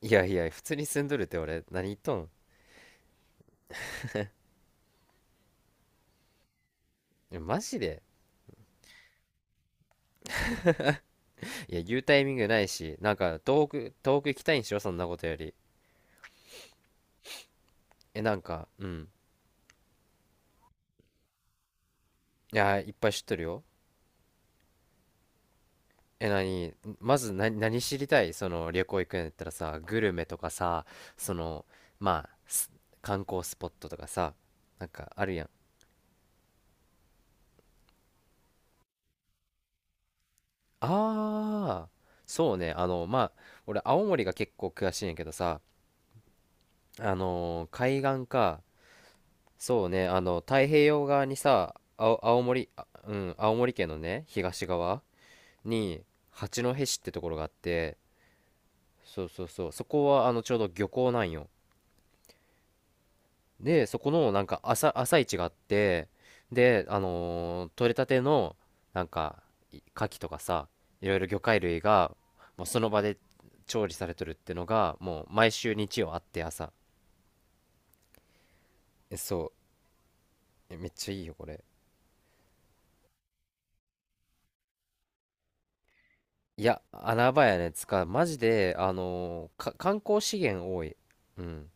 いやいや、普通に住んどるって俺、何言っとん？いやマジで。いや、言うタイミングないし、なんか、遠く行きたいんしろ、そんなことより。え、なんか、うん。いや、いっぱい知っとるよ。え、何、まず何知りたいその、旅行行くんやったらさ、グルメとかさ、その、まあ、観光スポットとかさ、なんか、あるやん。ああ、そうね、あの、まあ、俺、青森が結構詳しいんやけどさ、あのー海岸か、そうね、あの、太平洋側にさ、青、青森、あうん、青森県のね、東側に、八戸市ってところがあって、そうそうそう、そこは、あの、ちょうど漁港なんよ。で、そこの、なんか、朝市があって、で、あのー取れたての、なんか、牡蠣とかさ、いろいろ魚介類が、もうその場で調理されとるってのが、もう、毎週日曜あって、朝。そう、めっちゃいいよ、これ。いや、穴場やね。つか、マジで、あのーか、観光資源多い。うん。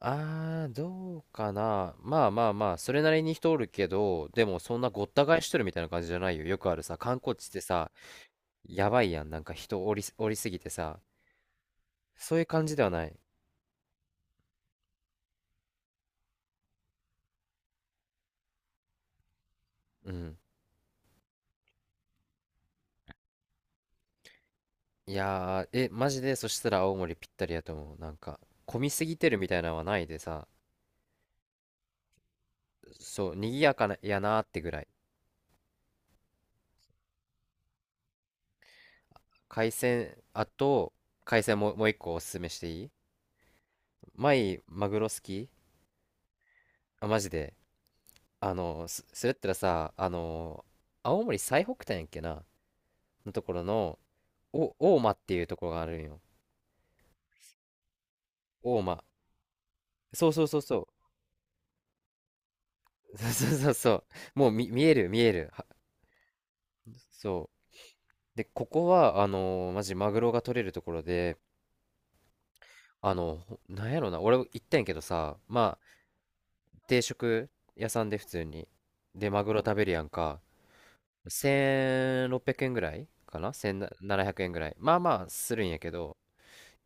あー、どうかな。まあまあまあ、それなりに人おるけど、でもそんなごった返しとるみたいな感じじゃないよ。よくあるさ、観光地ってさ、やばいやん。なんか人おりすぎてさ、そういう感じではない。うん。いやー、え、マジで、そしたら青森ぴったりやと思う。なんか、混みすぎてるみたいなのはないでさ、そう、賑やかな、やなーってぐらい。海鮮、あと、海鮮も、もう一個おすすめしていい？前、マグロ好き？あ、マジで。あの、それやったらさ、あの、青森最北端やっけなのところの、大間っていうところがあるんよ。大間。そうそうそうそう。そうそうそうそう。もう見える見える。そう。で、ここは、あのー、マジマグロが取れるところで、あの、なんやろな。俺行ったんやけどさ、まあ、定食屋さんで普通に。で、マグロ食べるやんか。1600円ぐらいかな？ 1700 円ぐらい。まあまあするんやけど、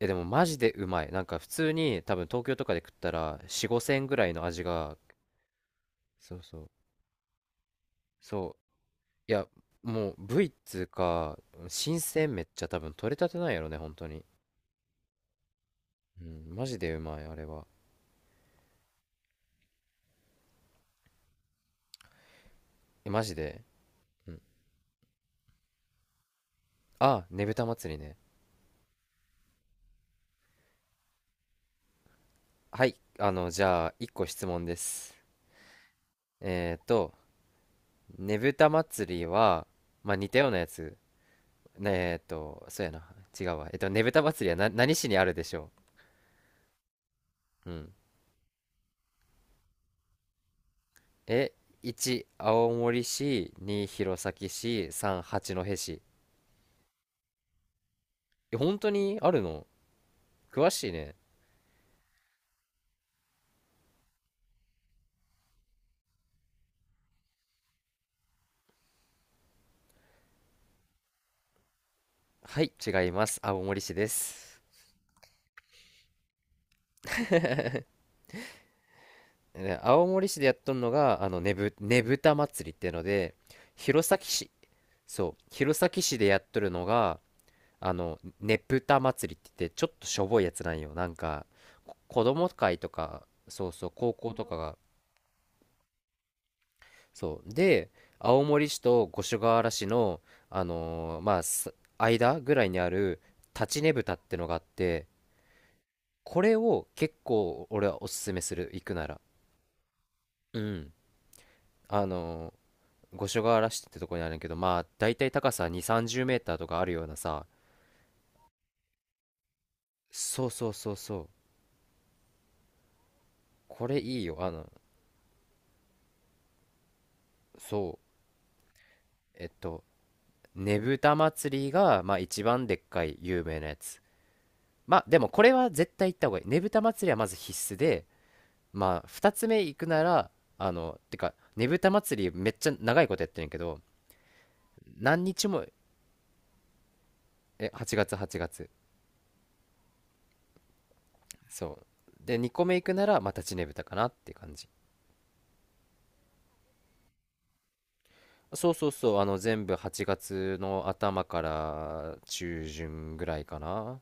え、でもマジでうまい。なんか普通に多分東京とかで食ったら4、5000円ぐらいの味が、そうそう、そう、いや、もう部位っつうか、新鮮めっちゃ多分取れたてなんやろね、本当に。うん、マジでうまい、あれは。え、マジで。うん。あ、ねぶた祭りね。はい、あの、じゃあ、1個質問です。えっと、ねぶた祭りは、まあ似たようなやつね。そうやな。違うわ。えっと、ねぶた祭りはな、何市にあるでしょう？うん。え、1、青森市、2、弘前市、3、八戸市。え、本当にあるの？詳しいね。はい、違います。青森市です。ね、青森市でやっとんのが、あの、ねぶた祭りってので、弘前市、そう、弘前市でやっとるのが、あの、ねぷた祭りって言って、ちょっとしょぼいやつなんよ。なんか、子供会とか、そうそう、高校とかが、そうで青森市と五所川原市の、あのーまあ、間ぐらいにある立ちねぶたってのがあって、これを結構俺はおすすめする、行くなら。うん。あのー五所川原市ってとこにあるんだけど、まあだいたい高さ230メーターとかあるようなさ。そうそうそうそう。これいいよ、あの。そう、えっと、ねぶた祭りが、まあ、一番でっかい有名なやつ。まあでもこれは絶対行った方がいい。ねぶた祭りはまず必須で、まあ2つ目行くなら、てかねぶた祭りめっちゃ長いことやってるんやけど、何日も。8月、8月。そうで2個目行くならまたちねぶたかなって感じ。そうそうそう、全部8月の頭から中旬ぐらいかな。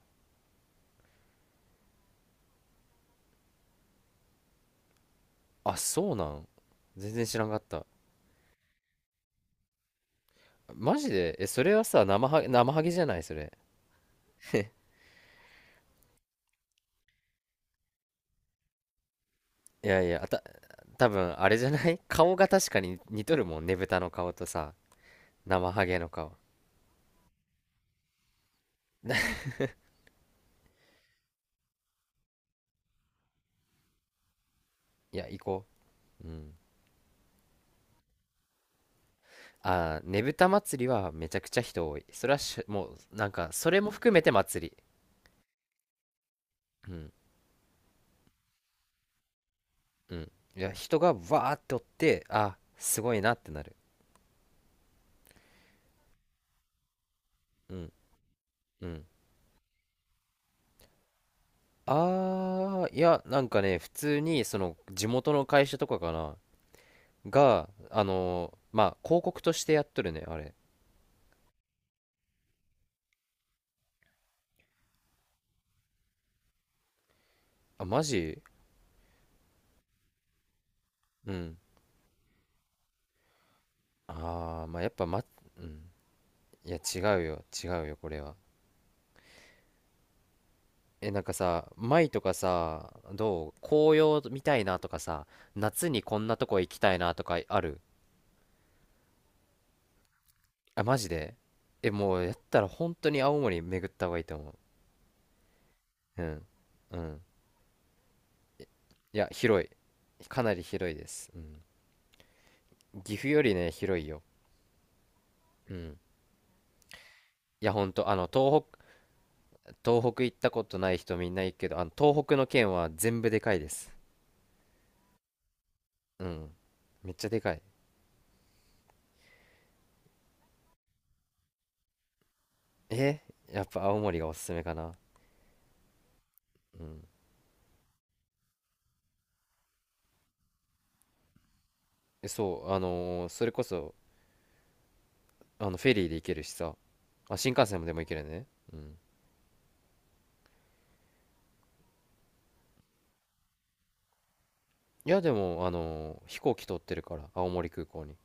あ、そうなん？全然知らんかった。マジで？それはさ、生ハゲ、生ハゲじゃないそれ？いやいや、多分あれじゃない？ 顔が確かに似とるもんねぶたの顔とさ、生ハゲの顔。いや、行こ。うん。あー、ねぶた祭りはめちゃくちゃ人多い。それはしもう、なんか、それも含めて祭り。うん、うん。いや、人がわーっておって、あ、すごいなってなる。うん、うん。あー、いや、なんかね、普通に、その、地元の会社とかかな、が、あのーまあ、広告としてやっとるね、あれ。あ、マジ？うん。あー、まあ、やっぱ、ま、うん。いや、違うよ、違うよ、これは。え、なんかさ、舞とかさ、どう紅葉見たいなとかさ、夏にこんなとこ行きたいなとかある？あ、マジで？え、もうやったら本当に青森巡った方がいいと思う。うん。うん。いや、広い。かなり広いです。うん。岐阜よりね、広いよ。うん。いや、ほんと、あの、東北、東北行ったことない人みんないけど、あの、東北の県は全部でかいです。うん。めっちゃでかい。えやっぱ青森がおすすめかな。うん。えそう、あのーそれこそ、あのフェリーで行けるしさ、あ、新幹線もでも行けるね。うん。いやでもあのー飛行機通ってるから青森空港に。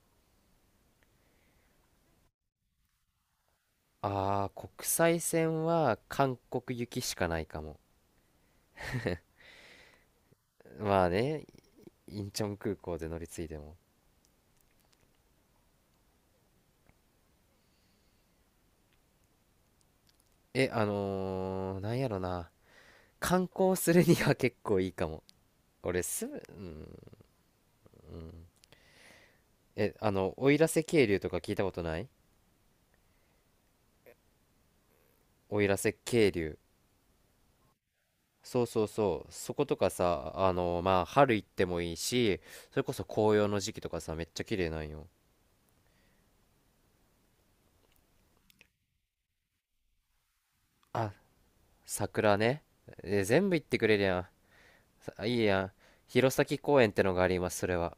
あー国際線は韓国行きしかないかも。まあね。インチョン空港で乗り継いでも。あのー、なんやろな、観光するには結構いいかも。俺、うん。あの奥入瀬渓流とか聞いたことない？奥入瀬渓流。そうそうそう。そことかさ、あの、まあ、春行ってもいいし、それこそ紅葉の時期とかさ、めっちゃ綺麗なんよ。あ、桜ね。え、全部行ってくれるやん。さいいやん。弘前公園ってのがあります、それは。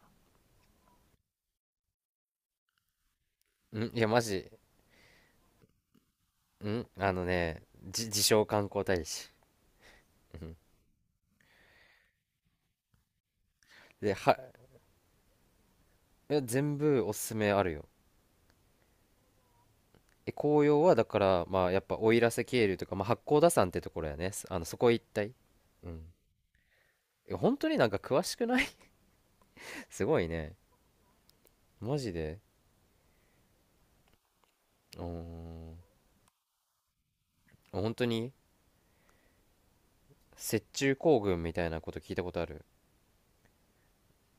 いや、マジ。あのね、自称観光大使。うん。で、全部おすすめあるよ。え、紅葉はだから、まあ、やっぱ奥入瀬渓流とか、まあ、八甲田山ってところやね。あの、そこ一帯。うん。え、本当になんか詳しくない？ すごいね。マジで。うーん。本当に？雪中行軍みたいなこと聞いたことある？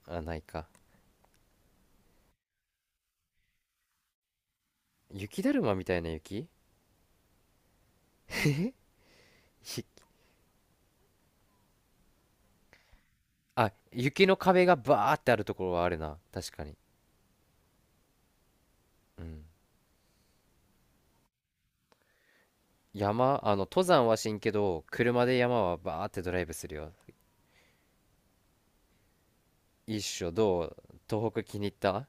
あ、ないか。雪だるまみたいな雪？ひあ、雪の壁がバーってあるところはあるな確かに。うん。山、登山はしんけど車で山はバーってドライブするよ。一緒どう？東北気に入った？